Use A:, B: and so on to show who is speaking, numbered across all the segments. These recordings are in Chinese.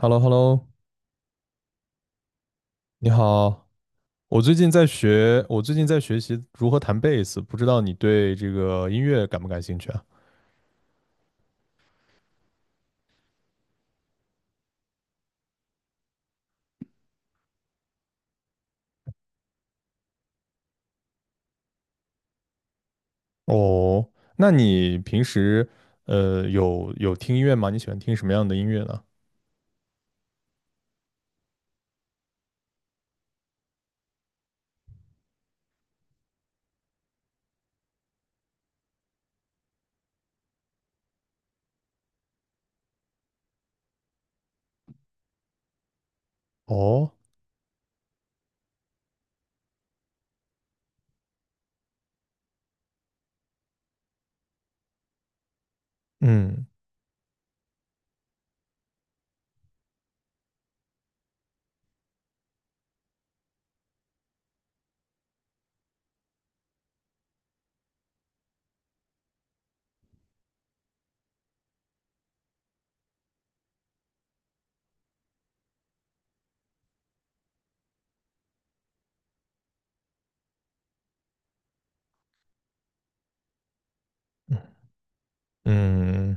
A: h e l l o h e l l o 你好。我最近在学习如何弹贝斯，不知道你对这个音乐感不感兴趣啊？哦，那你平时有听音乐吗？你喜欢听什么样的音乐呢？哦，嗯嗯，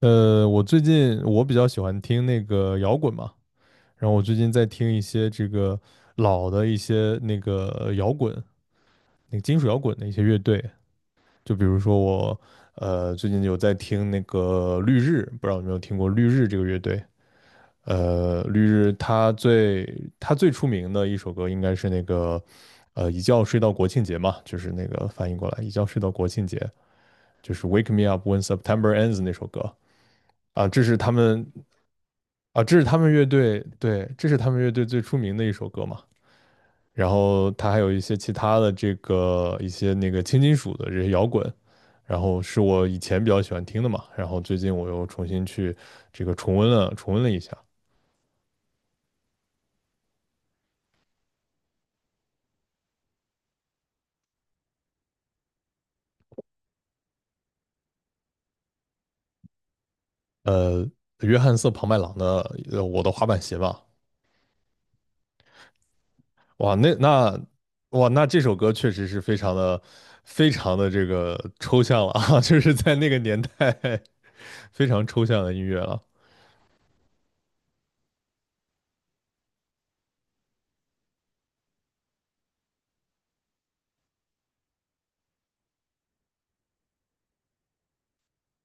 A: 我最近我比较喜欢听那个摇滚嘛，然后我最近在听一些这个老的一些那个摇滚，那个金属摇滚的一些乐队。就比如说我，最近有在听那个绿日，不知道有没有听过绿日这个乐队？绿日它最出名的一首歌应该是那个，一觉睡到国庆节嘛，就是那个翻译过来一觉睡到国庆节，就是《Wake Me Up When September Ends》那首歌啊，这是他们啊，这是他们乐队对，这是他们乐队最出名的一首歌嘛。然后它还有一些其他的这个一些那个轻金属的这些摇滚，然后是我以前比较喜欢听的嘛，然后最近我又重新去这个重温了一下，呃，约翰瑟庞麦郎的《我的滑板鞋》吧，哇,哇那这首歌确实是非常的这个抽象了啊，就是在那个年代 非常抽象的音乐了。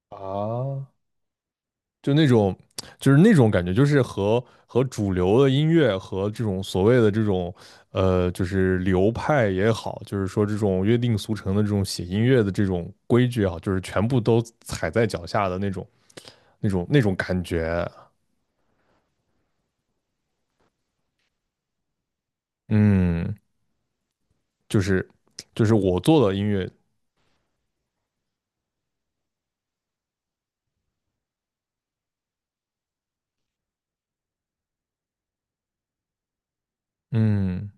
A: 啊，就那种就是那种感觉，就是和主流的音乐和这种所谓的这种就是流派也好，就是说这种约定俗成的这种写音乐的这种规矩啊，就是全部都踩在脚下的那种那种感觉，嗯，就是我做的音乐，嗯。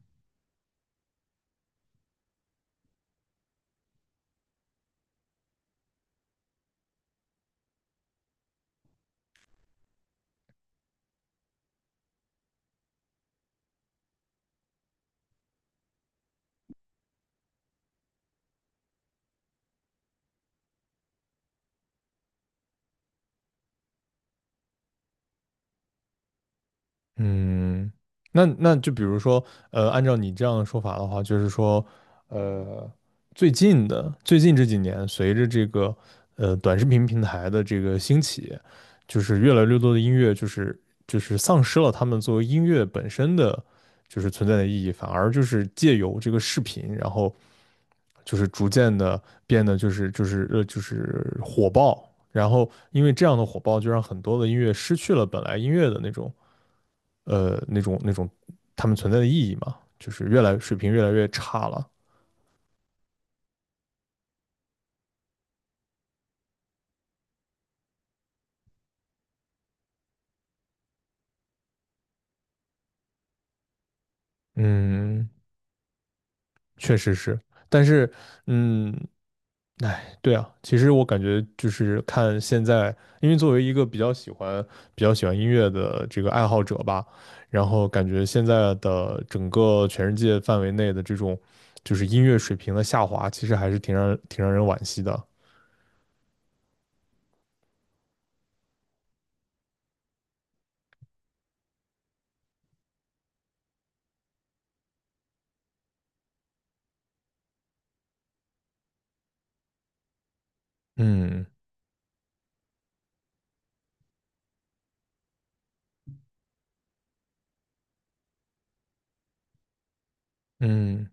A: 嗯，那就比如说，按照你这样的说法的话，就是说，呃，最近这几年，随着这个短视频平台的这个兴起，就是越来越多的音乐，就是丧失了他们作为音乐本身的就是存在的意义，反而就是借由这个视频，然后就是逐渐的变得就是火爆，然后因为这样的火爆，就让很多的音乐失去了本来音乐的那种。那种他们存在的意义嘛，就是越来水平越来越差了。嗯，确实是，但是嗯，哎，对啊，其实我感觉就是看现在，因为作为一个比较喜欢音乐的这个爱好者吧，然后感觉现在的整个全世界范围内的这种就是音乐水平的下滑，其实还是挺让人惋惜的。嗯嗯。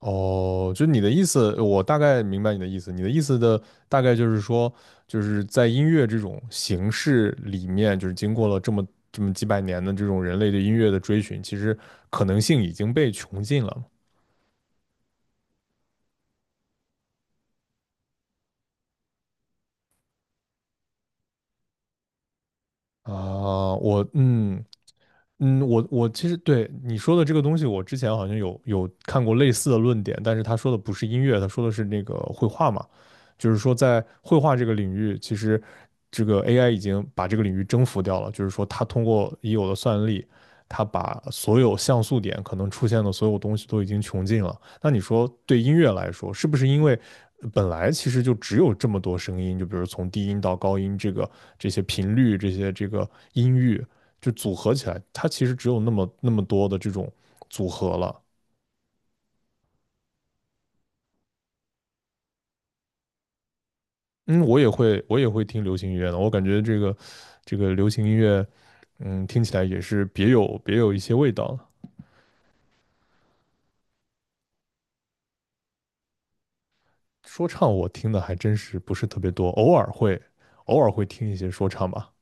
A: 哦，就你的意思，我大概明白你的意思。你的意思的大概就是说，就是在音乐这种形式里面，就是经过了这么几百年的这种人类的音乐的追寻，其实可能性已经被穷尽了。啊，我嗯，嗯，我我其实对你说的这个东西，我之前好像有看过类似的论点，但是他说的不是音乐，他说的是那个绘画嘛，就是说在绘画这个领域，其实这个 AI 已经把这个领域征服掉了，就是说它通过已有的算力，它把所有像素点可能出现的所有东西都已经穷尽了。那你说对音乐来说，是不是因为本来其实就只有这么多声音，就比如从低音到高音这个这些频率，这些这个音域。就组合起来，它其实只有那么多的这种组合了。嗯，我也会听流行音乐的，我感觉这个流行音乐，嗯，听起来也是别有一些味道。说唱我听的还真是不是特别多，偶尔会听一些说唱吧。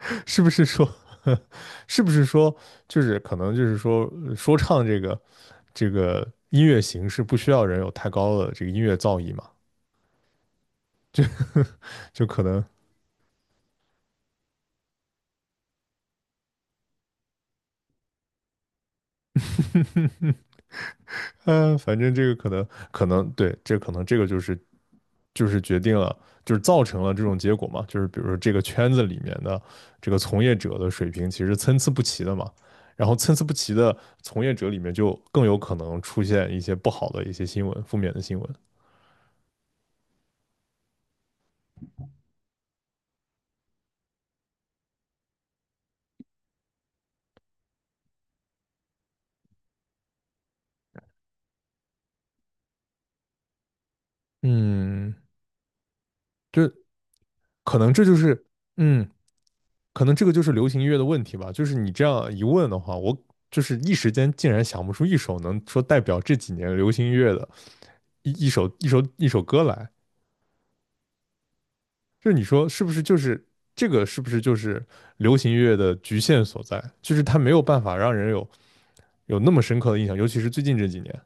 A: 是不是说是不是说就是可能就是说说唱这个音乐形式不需要人有太高的这个音乐造诣嘛？就可能反正这个可能对，这可能这个就是就是决定了，就是造成了这种结果嘛，就是比如说这个圈子里面的这个从业者的水平其实参差不齐的嘛，然后参差不齐的从业者里面就更有可能出现一些不好的一些新闻，负面的新闻。嗯，这这就是，嗯，可能这个就是流行音乐的问题吧，就是你这样一问的话，我就是一时间竟然想不出一首能说代表这几年流行音乐的一首歌来。就是你说是不是就是是不是就是流行乐的局限所在？就是它没有办法让人有那么深刻的印象，尤其是最近这几年，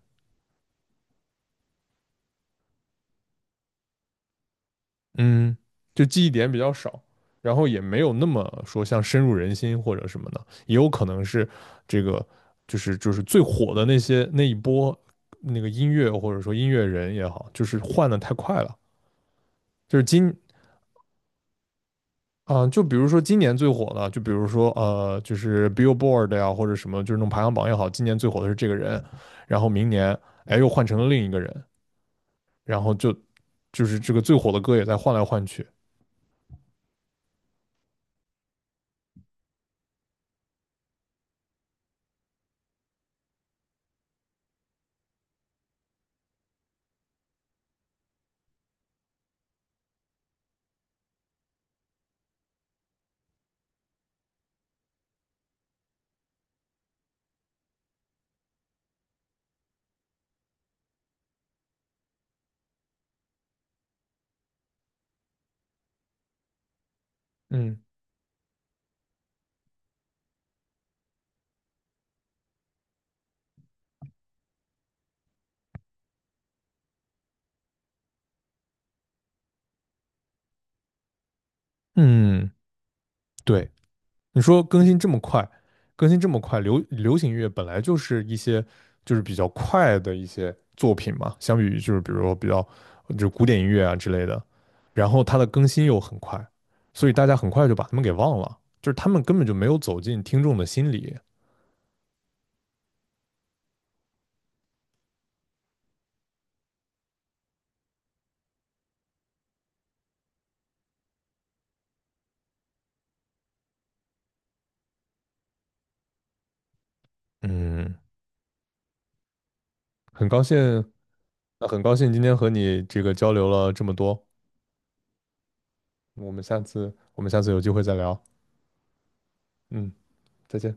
A: 嗯，就记忆点比较少，然后也没有那么说像深入人心或者什么的，也有可能是这个就是最火的那些那一波那个音乐或者说音乐人也好，就是换的太快了。就是今嗯，就比如说今年最火的，就比如说就是 Billboard 呀，或者什么，就是那种排行榜也好，今年最火的是这个人，然后明年哎又换成了另一个人，然后就就是这个最火的歌也在换来换去。嗯嗯，对。你说更新这么快，更新这么快，流行乐本来就是一些就是比较快的一些作品嘛，相比于就是比如说就是古典音乐啊之类的，然后它的更新又很快，所以大家很快就把他们给忘了，就是他们根本就没有走进听众的心里。嗯，很高兴，那很高兴今天和你这个交流了这么多，我们下次有机会再聊。嗯，再见。